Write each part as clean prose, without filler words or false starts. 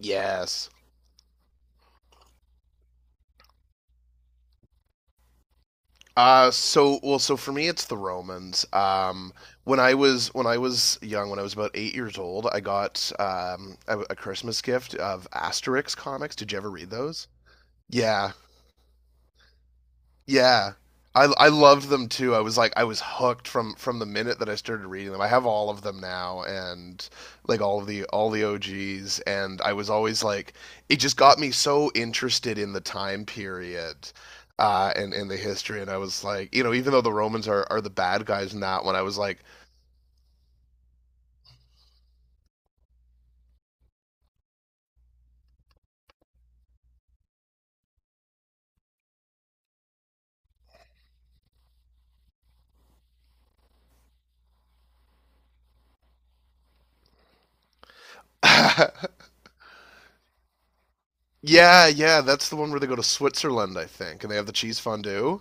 Yes. So for me, it's the Romans. When I was young, when I was about 8 years old, I got a Christmas gift of Asterix comics. Did you ever read those? Yeah, Yeah. I loved them too. I was hooked from the minute that I started reading them. I have all of them now and like all the OGs and I was always like it just got me so interested in the time period and the history and I was like, you know, even though the Romans are the bad guys in that one, I was like yeah, yeah, that's the one where they go to Switzerland, I think, and they have the cheese fondue.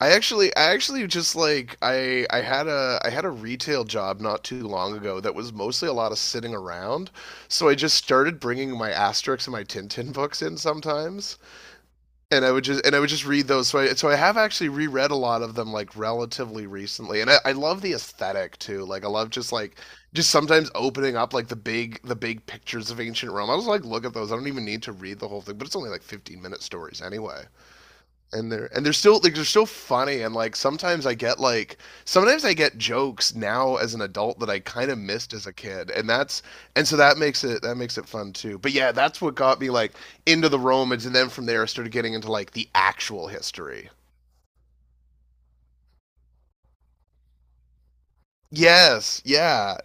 I actually just like I had a retail job not too long ago that was mostly a lot of sitting around. So I just started bringing my Asterix and my Tintin books in sometimes, and I would just read those. So I have actually reread a lot of them like relatively recently, and I love the aesthetic too. Like I love just like, just sometimes opening up like the big pictures of ancient Rome. I was like, look at those. I don't even need to read the whole thing, but it's only like 15-minute stories anyway and they're still like they're still funny and like sometimes I get jokes now as an adult that I kind of missed as a kid and so that makes it fun too, but yeah, that's what got me like into the Romans, and then from there I started getting into like the actual history. Yes. Yeah,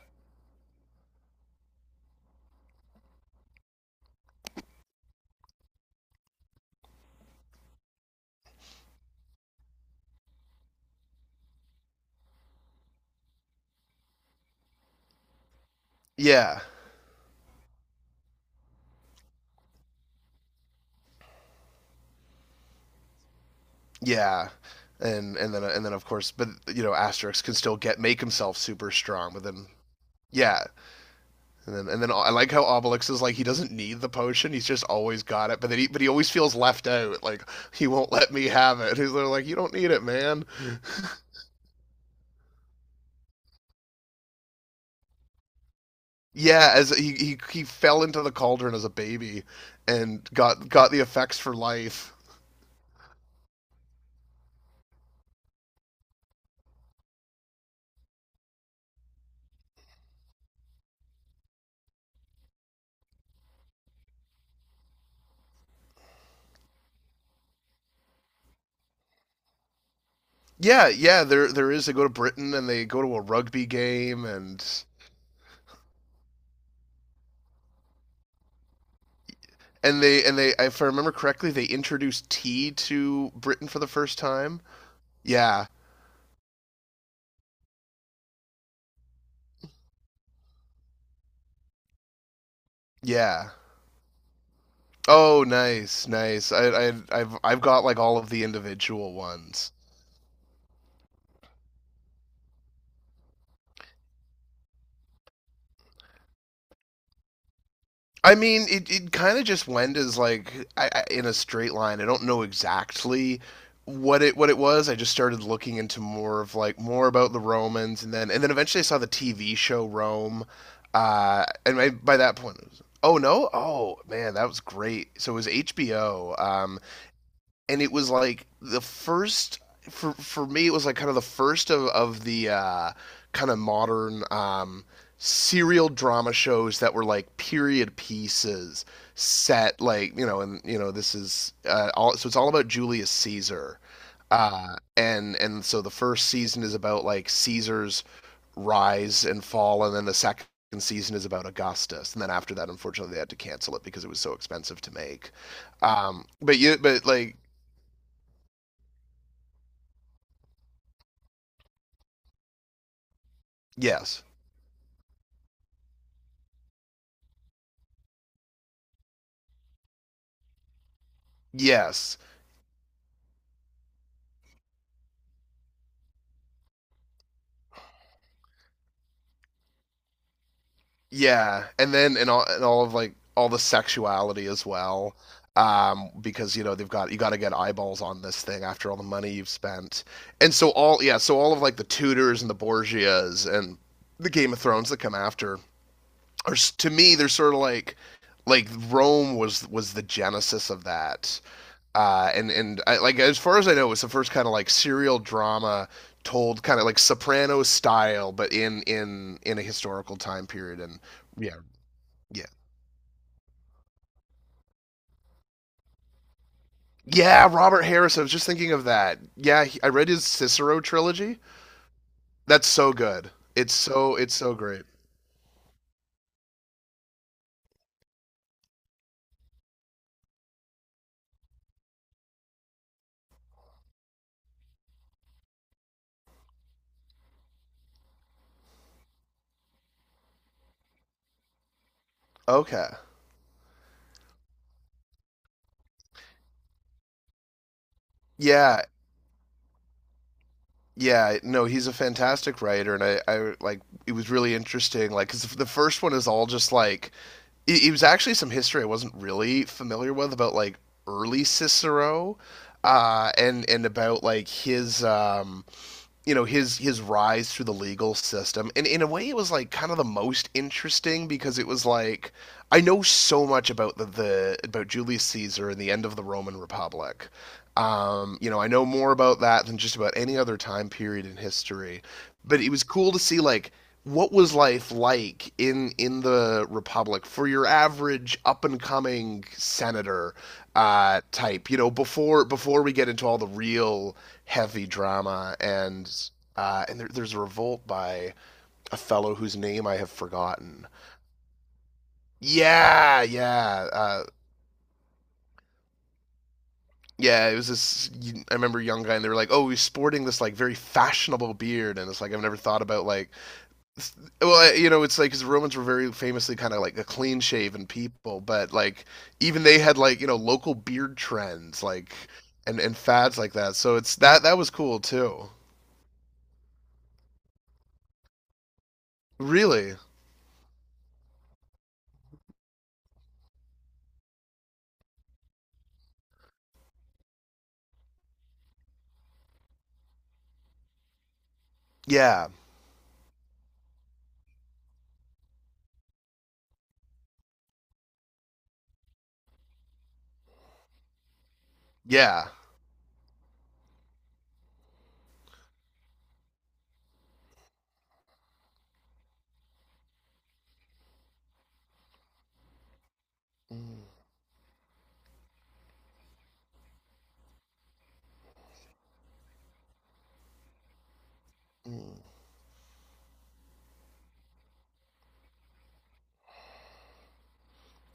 yeah, yeah. And then of course, but you know Asterix can still get make himself super strong, but then yeah. And then, I like how Obelix is like he doesn't need the potion; he's just always got it. But then, but he always feels left out. Like he won't let me have it. He's like, you don't need it, man. Yeah, he fell into the cauldron as a baby, and got the effects for life. Yeah, yeah. There is. They go to Britain and they go to a rugby game and and they if I remember correctly, they introduced tea to Britain for the first time. Yeah, yeah. Oh, nice, nice. I've got like all of the individual ones. I mean, it kind of just went as like in a straight line. I don't know exactly what it was. I just started looking into more of like more about the Romans, and then eventually I saw the TV show Rome. And I, by that point, it was, oh no, oh man, that was great. So it was HBO. And it was like the first for me it was like kind of the first of the kind of modern serial drama shows that were like period pieces set like you know, and you know this is all, so it's all about Julius Caesar, and so the first season is about like Caesar's rise and fall, and then the second season is about Augustus, and then after that, unfortunately, they had to cancel it because it was so expensive to make. But like, yes. Yes. Yeah. And all of like all the sexuality as well. Because you know they've got you got to get eyeballs on this thing after all the money you've spent, and so all yeah, so all of like the Tudors and the Borgias and the Game of Thrones that come after are to me they're sort of like Rome was the genesis of that, and I, like as far as I know, it's the first kind of like serial drama told kind of like Sopranos style, but in a historical time period. And yeah, yeah, yeah. Robert Harris. I was just thinking of that. Yeah, I read his Cicero trilogy. That's so good. It's it's so great. Okay. Yeah. Yeah, no, he's a fantastic writer, and I like it was really interesting. Like, 'cause the first one is all just like it was actually some history I wasn't really familiar with about like early Cicero, and about like his you know his rise through the legal system, and in a way it was like kind of the most interesting because it was like I know so much about the about Julius Caesar and the end of the Roman Republic. You know, I know more about that than just about any other time period in history, but it was cool to see like what was life like in the republic for your average up and coming senator type, you know, before we get into all the real heavy drama and, and there, there's a revolt by a fellow whose name I have forgotten. Yeah, yeah, yeah. It was this. I remember a young guy, and they were like, "Oh, he's sporting this like very fashionable beard," and it's like I've never thought about like, well, you know, it's like because Romans were very famously kind of like a clean shaven people, but like even they had like you know local beard trends like and fads like that. So it's that was cool too. Really, yeah, yeah. Mm.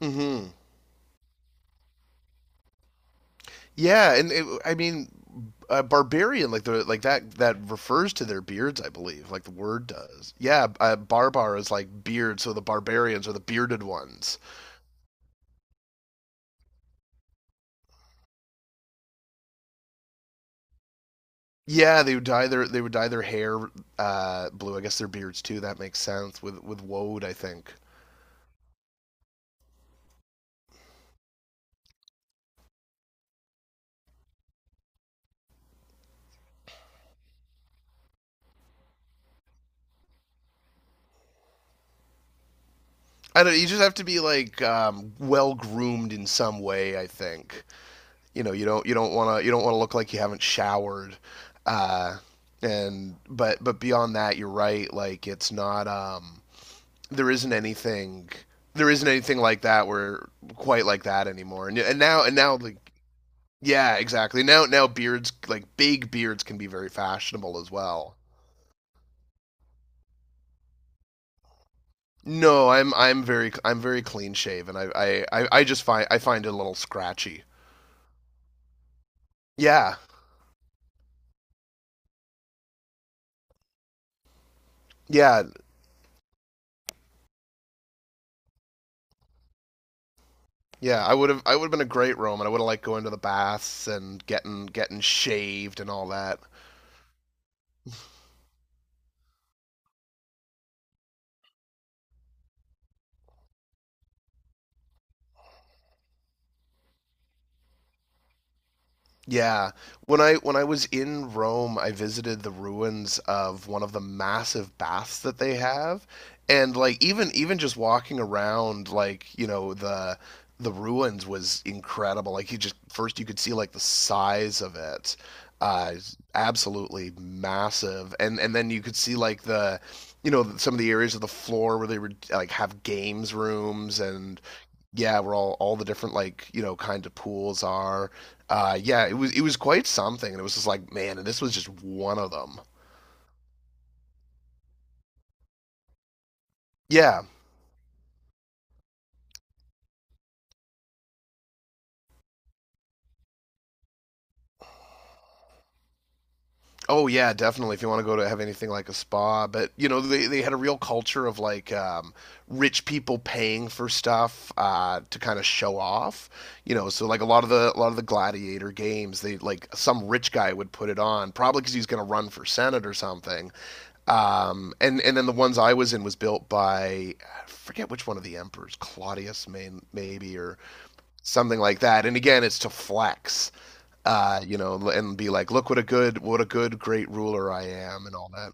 Mm-hmm. Yeah, I mean, barbarian like the like that refers to their beards, I believe, like the word does. Yeah, barbar is like beard, so the barbarians are the bearded ones. Yeah, they would dye their they would dye their hair blue. I guess their beards too. That makes sense with woad, I think. I don't. You just have to be like well groomed in some way, I think. You know you don't want to you don't want to look like you haven't showered, uh and but beyond that you're right, like it's not there isn't anything there isn't anything like that where quite like that anymore, and now like yeah exactly. Now beards, like big beards, can be very fashionable as well. No, I'm very clean shaven. I just find I find it a little scratchy. Yeah, yeah. I would have been a great Roman. I would have liked going to the baths and getting shaved and all that. Yeah. When I was in Rome, I visited the ruins of one of the massive baths that they have. And like even just walking around, like, you know, the ruins was incredible. Like you just first you could see like the size of it. It's absolutely massive. And then you could see like the you know some of the areas of the floor where they were like have games rooms, and yeah, where all the different like you know kind of pools are. Yeah, it was quite something, and it was just like man, and this was just one of them. Yeah. Oh yeah, definitely. If you want to go to have anything like a spa, but you know they had a real culture of like rich people paying for stuff to kind of show off. You know, so like a lot of the gladiator games, they like some rich guy would put it on, probably because he's going to run for senate or something. And then the ones I was in was built by I forget which one of the emperors, Claudius, may, maybe or something like that. And again, it's to flex, you know, and be like, look what a good great ruler I am, and all that.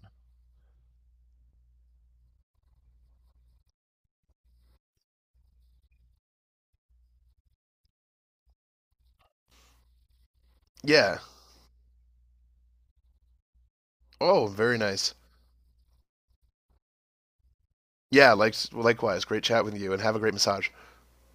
Yeah. Oh, very nice. Yeah. Like likewise, great chat with you, and have a great massage.